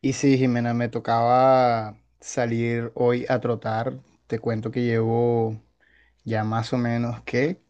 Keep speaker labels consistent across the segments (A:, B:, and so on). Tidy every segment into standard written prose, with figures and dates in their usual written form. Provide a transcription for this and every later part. A: Y sí, Jimena, me tocaba salir hoy a trotar. Te cuento que llevo ya más o menos que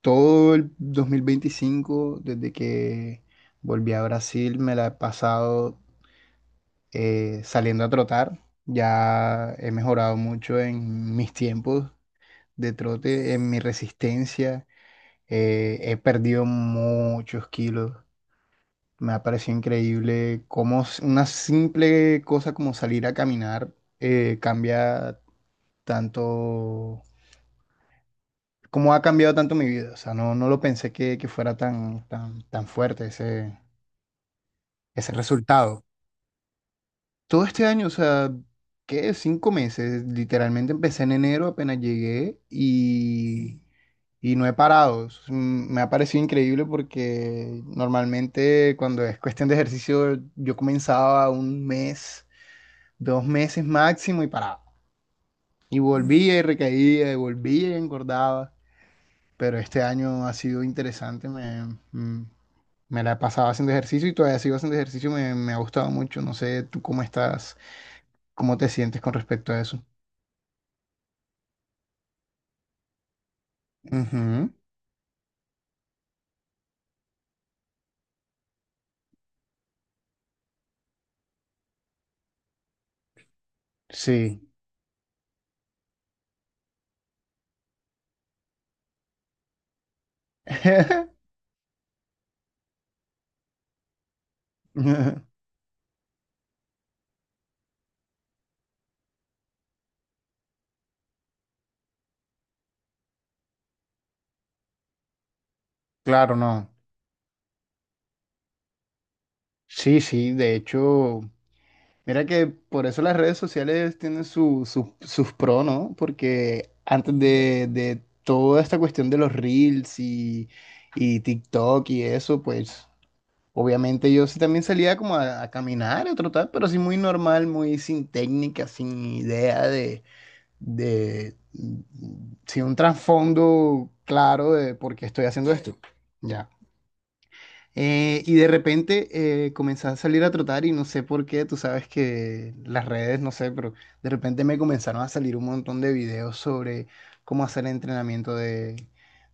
A: todo el 2025, desde que volví a Brasil, me la he pasado saliendo a trotar. Ya he mejorado mucho en mis tiempos de trote, en mi resistencia. He perdido muchos kilos. Me ha parecido increíble cómo una simple cosa como salir a caminar cambia tanto, cómo ha cambiado tanto mi vida. O sea, no, no lo pensé que fuera tan, tan, tan fuerte ese, ese resultado. Todo este año, o sea, ¿qué? 5 meses. Literalmente empecé en enero, apenas llegué y no he parado. Me ha parecido increíble porque normalmente cuando es cuestión de ejercicio yo comenzaba un mes, 2 meses máximo y paraba. Y volvía y recaía, y volvía y engordaba. Pero este año ha sido interesante, mm, me la he pasado haciendo ejercicio y todavía sigo haciendo ejercicio, me ha gustado mucho. No sé tú cómo estás, cómo te sientes con respecto a eso. Ujú. Sí. Claro, no. Sí, sí, de hecho, mira que por eso las redes sociales tienen sus pros, ¿no? Porque antes de toda esta cuestión de los reels y TikTok y eso, pues obviamente yo sí también salía como a caminar, a trotar, pero sí muy normal, muy sin técnica, sin idea sin un trasfondo claro de por qué estoy haciendo, sí, esto. Ya. Y de repente comencé a salir a trotar y no sé por qué, tú sabes que las redes, no sé, pero de repente me comenzaron a salir un montón de videos sobre cómo hacer entrenamiento de,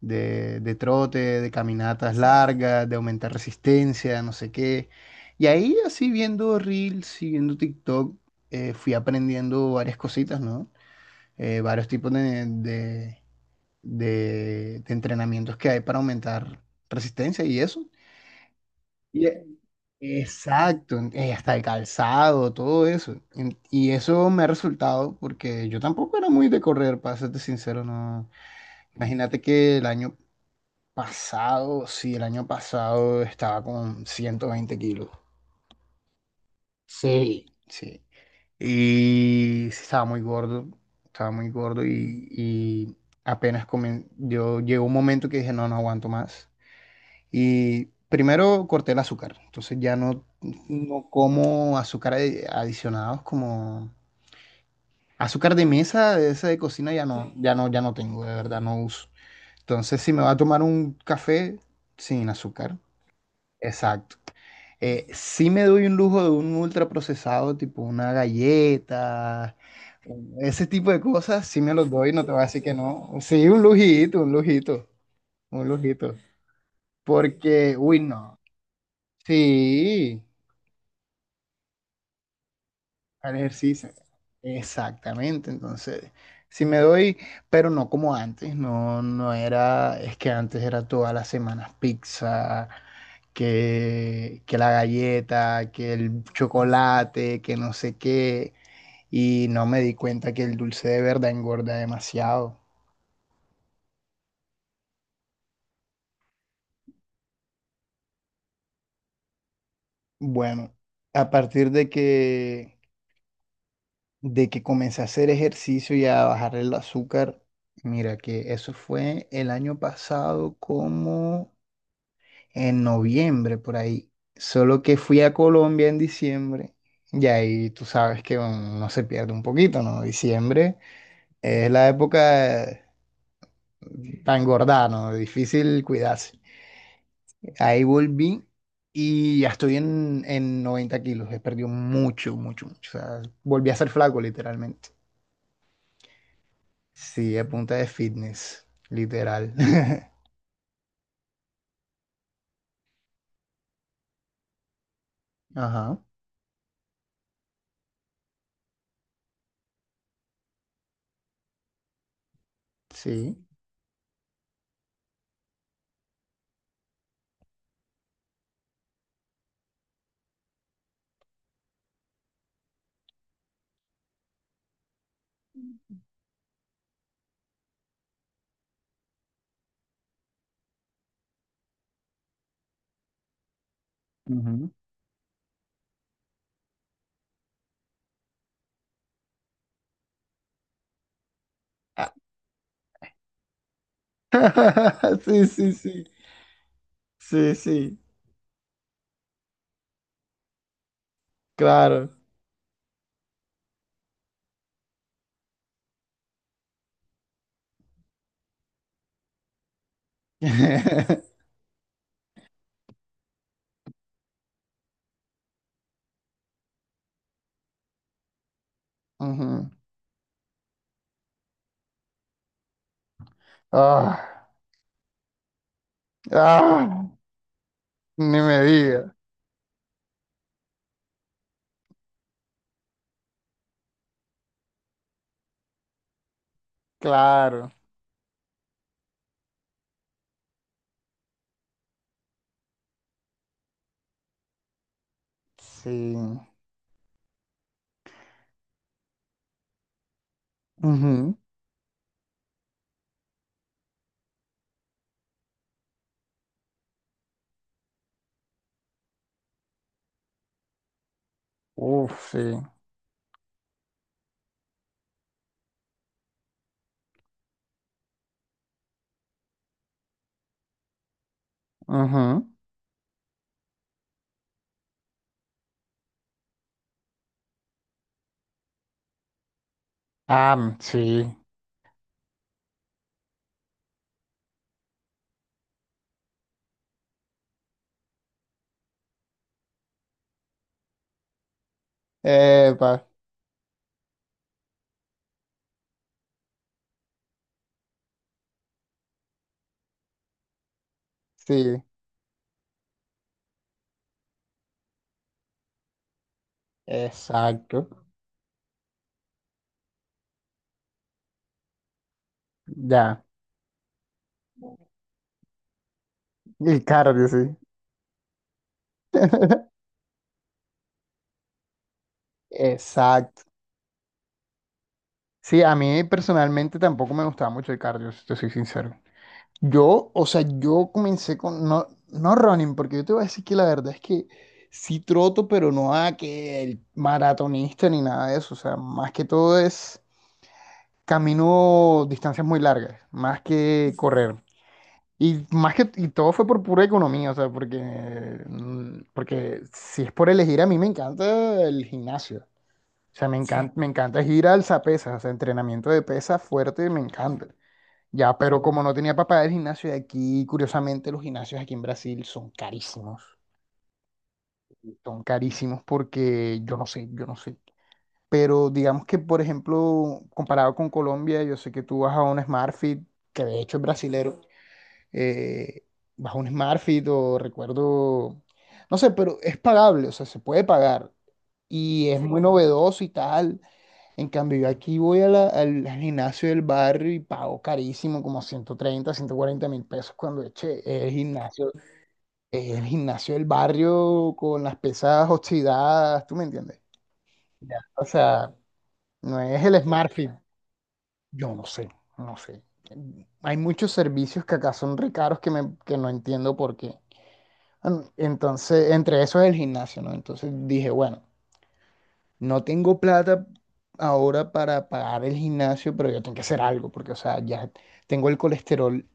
A: de, de trote, de caminatas largas, de aumentar resistencia, no sé qué. Y ahí así viendo Reels y viendo TikTok, fui aprendiendo varias cositas, ¿no? Varios tipos de entrenamientos que hay para aumentar resistencia y eso. Y, e- exacto, hasta el calzado, todo eso. Y eso me ha resultado porque yo tampoco era muy de correr, para serte sincero, no. Imagínate que el año pasado, sí, el año pasado estaba con 120 kilos. Sí. Sí. Y sí, estaba muy gordo y yo llegó un momento que dije, no, no aguanto más. Y primero corté el azúcar, entonces ya no, no como azúcar adicionados como azúcar de mesa, de esa de cocina ya no, ya no, ya no tengo, de verdad no uso. Entonces si me va a tomar un café sin azúcar, exacto. Sí me doy un lujo de un ultra procesado tipo una galleta, ese tipo de cosas, sí me los doy, no te voy a decir que no. Sí, un lujito, un lujito, un lujito. Porque, uy, no. Sí. Al ejercicio. Exactamente, entonces, si me doy, pero no como antes, no, no era, es que antes era todas las semanas pizza, que la galleta, que el chocolate, que no sé qué, y no me di cuenta que el dulce de verdad engorda demasiado. Bueno, a partir de que comencé a hacer ejercicio y a bajar el azúcar, mira que eso fue el año pasado como en noviembre por ahí. Solo que fui a Colombia en diciembre y ahí tú sabes que uno se pierde un poquito, ¿no? Diciembre es la época para engordar, ¿no? Difícil cuidarse. Ahí volví y ya estoy en 90 kilos. He perdido mucho, mucho, mucho. O sea, volví a ser flaco literalmente. Sí, a punta de fitness, literal. Ajá, sí. Ujú. Sí, sí, sí. Sí, sí. Claro. Ujú. Ah, ah, ni me diga. Claro. Sí. Ujú. Uf, sí. Ujú. Ah, sí. Epa, sí. Exacto. Ya. Y cardio, sí. Exacto. Sí, a mí personalmente tampoco me gustaba mucho el cardio, si te soy sincero. O sea, yo comencé con, no, no running, porque yo te voy a decir que la verdad es que sí troto, pero no a que el maratonista ni nada de eso. O sea, más que todo es camino distancias muy largas, más que correr. Y todo fue por pura economía, o sea, porque si es por elegir, a mí me encanta el gimnasio. O sea, me sí encanta, me encanta es ir al pesas, o sea, entrenamiento de pesas fuerte, me encanta. Ya, pero como no tenía para pagar el gimnasio de aquí, curiosamente los gimnasios aquí en Brasil son carísimos. Son carísimos porque yo no sé, yo no sé. Pero digamos que, por ejemplo, comparado con Colombia, yo sé que tú vas a un SmartFit, que de hecho es brasilero, eh, vas a un SmartFit o recuerdo, no sé, pero es pagable, o sea, se puede pagar. Y es muy novedoso y tal. En cambio, yo aquí voy a al gimnasio del barrio y pago carísimo, como 130, 140 mil pesos cuando eche el gimnasio del barrio con las pesas oxidadas, ¿tú me entiendes? Ya. O sea, no es el SmartFit. Yo no sé, no sé. Hay muchos servicios que acá son re caros que no entiendo por qué. Entonces, entre eso es el gimnasio, ¿no? Entonces dije, bueno, no tengo plata ahora para pagar el gimnasio, pero yo tengo que hacer algo, porque, o sea, ya tengo el colesterol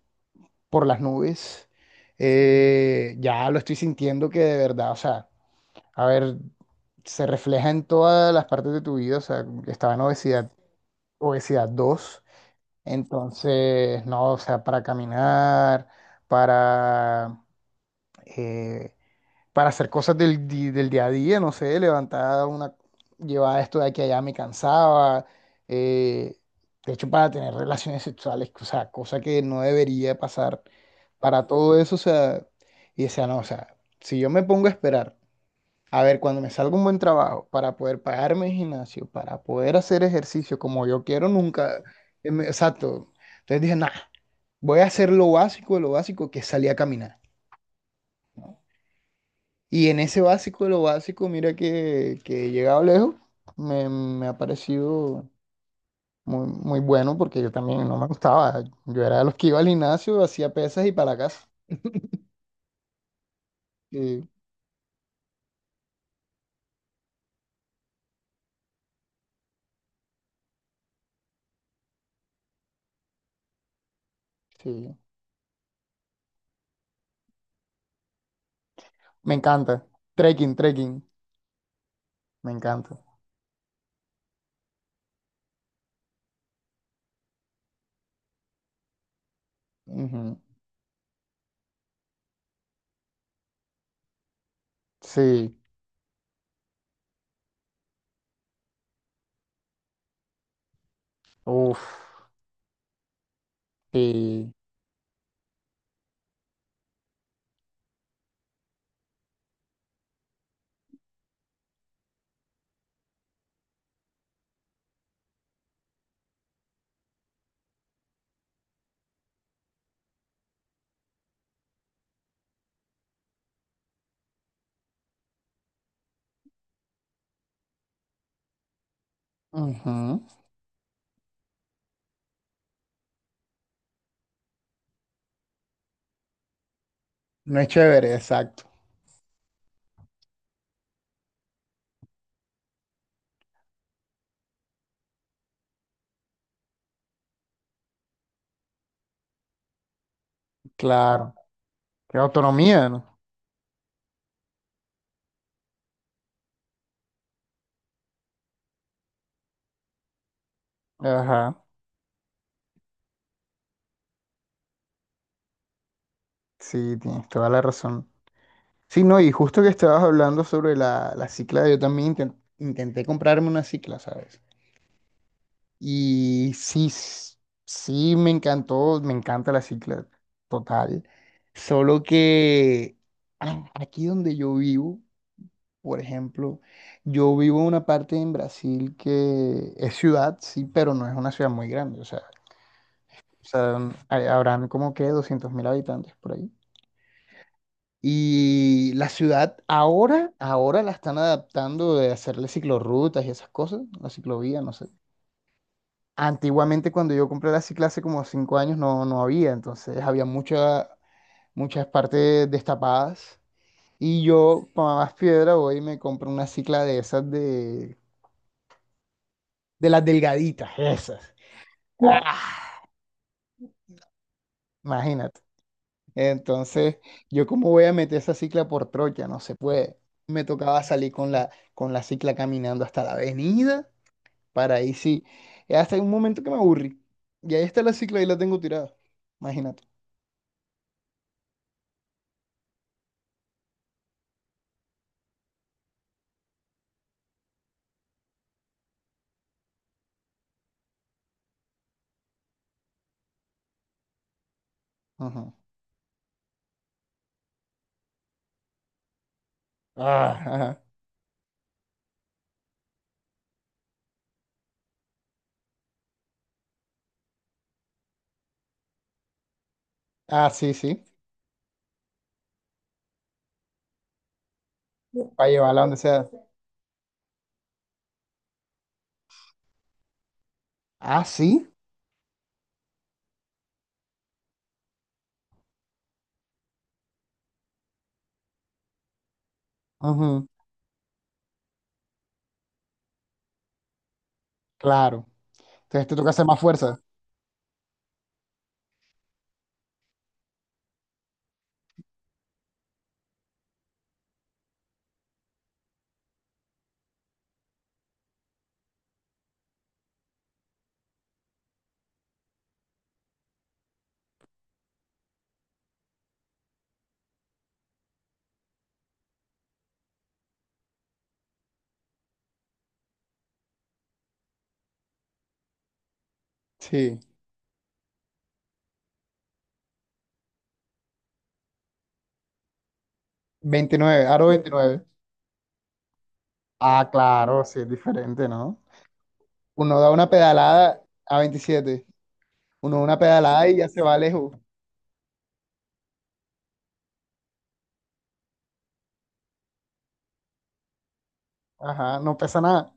A: por las nubes. Ya lo estoy sintiendo que de verdad, o sea, a ver, se refleja en todas las partes de tu vida, o sea, estaba en obesidad, obesidad 2, entonces, no, o sea, para caminar, para... eh, para hacer cosas del día a día, no sé, llevar esto de aquí a allá me cansaba, eh, de hecho para tener relaciones sexuales, o sea, cosa que no debería pasar para todo eso, o sea, y decía, no, o sea, si yo me pongo a esperar, a ver, cuando me salga un buen trabajo para poder pagarme el gimnasio, para poder hacer ejercicio como yo quiero, nunca, exacto, entonces dije, nada, voy a hacer lo básico de lo básico, que es salir a caminar. Y en ese básico de lo básico, mira que he llegado lejos, me ha parecido muy, muy bueno porque yo también no me gustaba. Yo era de los que iba al gimnasio, hacía pesas y para la casa. Sí, sí. Me encanta. Trekking, trekking. Me encanta. Ujú. Sí. Uf. Sí. Ujú. No es chévere, exacto. Claro. Qué autonomía, ¿no? Ajá. Sí, tienes toda la razón. Sí, no, y justo que estabas hablando sobre la cicla, yo también intenté comprarme una cicla, ¿sabes? Y sí, sí, me encantó, me encanta la cicla, total. Solo que aquí donde yo vivo, por ejemplo, yo vivo en una parte en Brasil que es ciudad, sí, pero no es una ciudad muy grande, o sea, habrán como que 200.000 habitantes por ahí. Y la ciudad ahora, ahora la están adaptando de hacerle ciclorrutas y esas cosas, la ciclovía, no sé. Antiguamente cuando yo compré la cicla hace como 5 años no, no había, entonces había muchas partes destapadas. Y yo, para más piedra, voy y me compro una cicla de esas de las delgaditas, esas. ¡Ah! Imagínate. Entonces, yo cómo voy a meter esa cicla por trocha, no se puede. Me tocaba salir con la cicla caminando hasta la avenida. Para ahí sí. Hasta un momento que me aburrí. Y ahí está la cicla y la tengo tirada. Imagínate. Ajá. Ah, ajá. Ah, sí, sí. Para llevarla donde sea. Ah, sí. Ajá. Claro. Entonces te toca hacer más fuerza. Sí. 29. Aro 29. Ah, claro, sí, es diferente, ¿no? Uno da una pedalada a 27. Uno da una pedalada y ya se va lejos. Ajá, no pesa nada.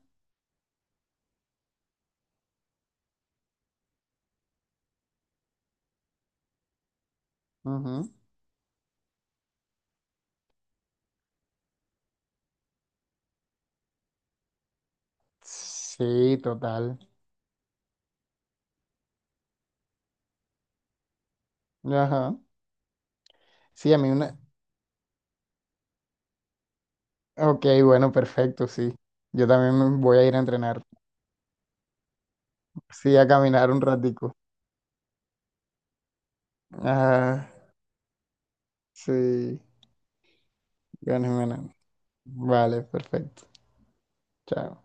A: Ujú. Sí, total. Ajá. Sí, a mí una, ok, bueno, perfecto, sí. Yo también me voy a ir a entrenar. Sí, a caminar un ratico. Ah, sí, ganas, ganas. Vale, perfecto. Chao.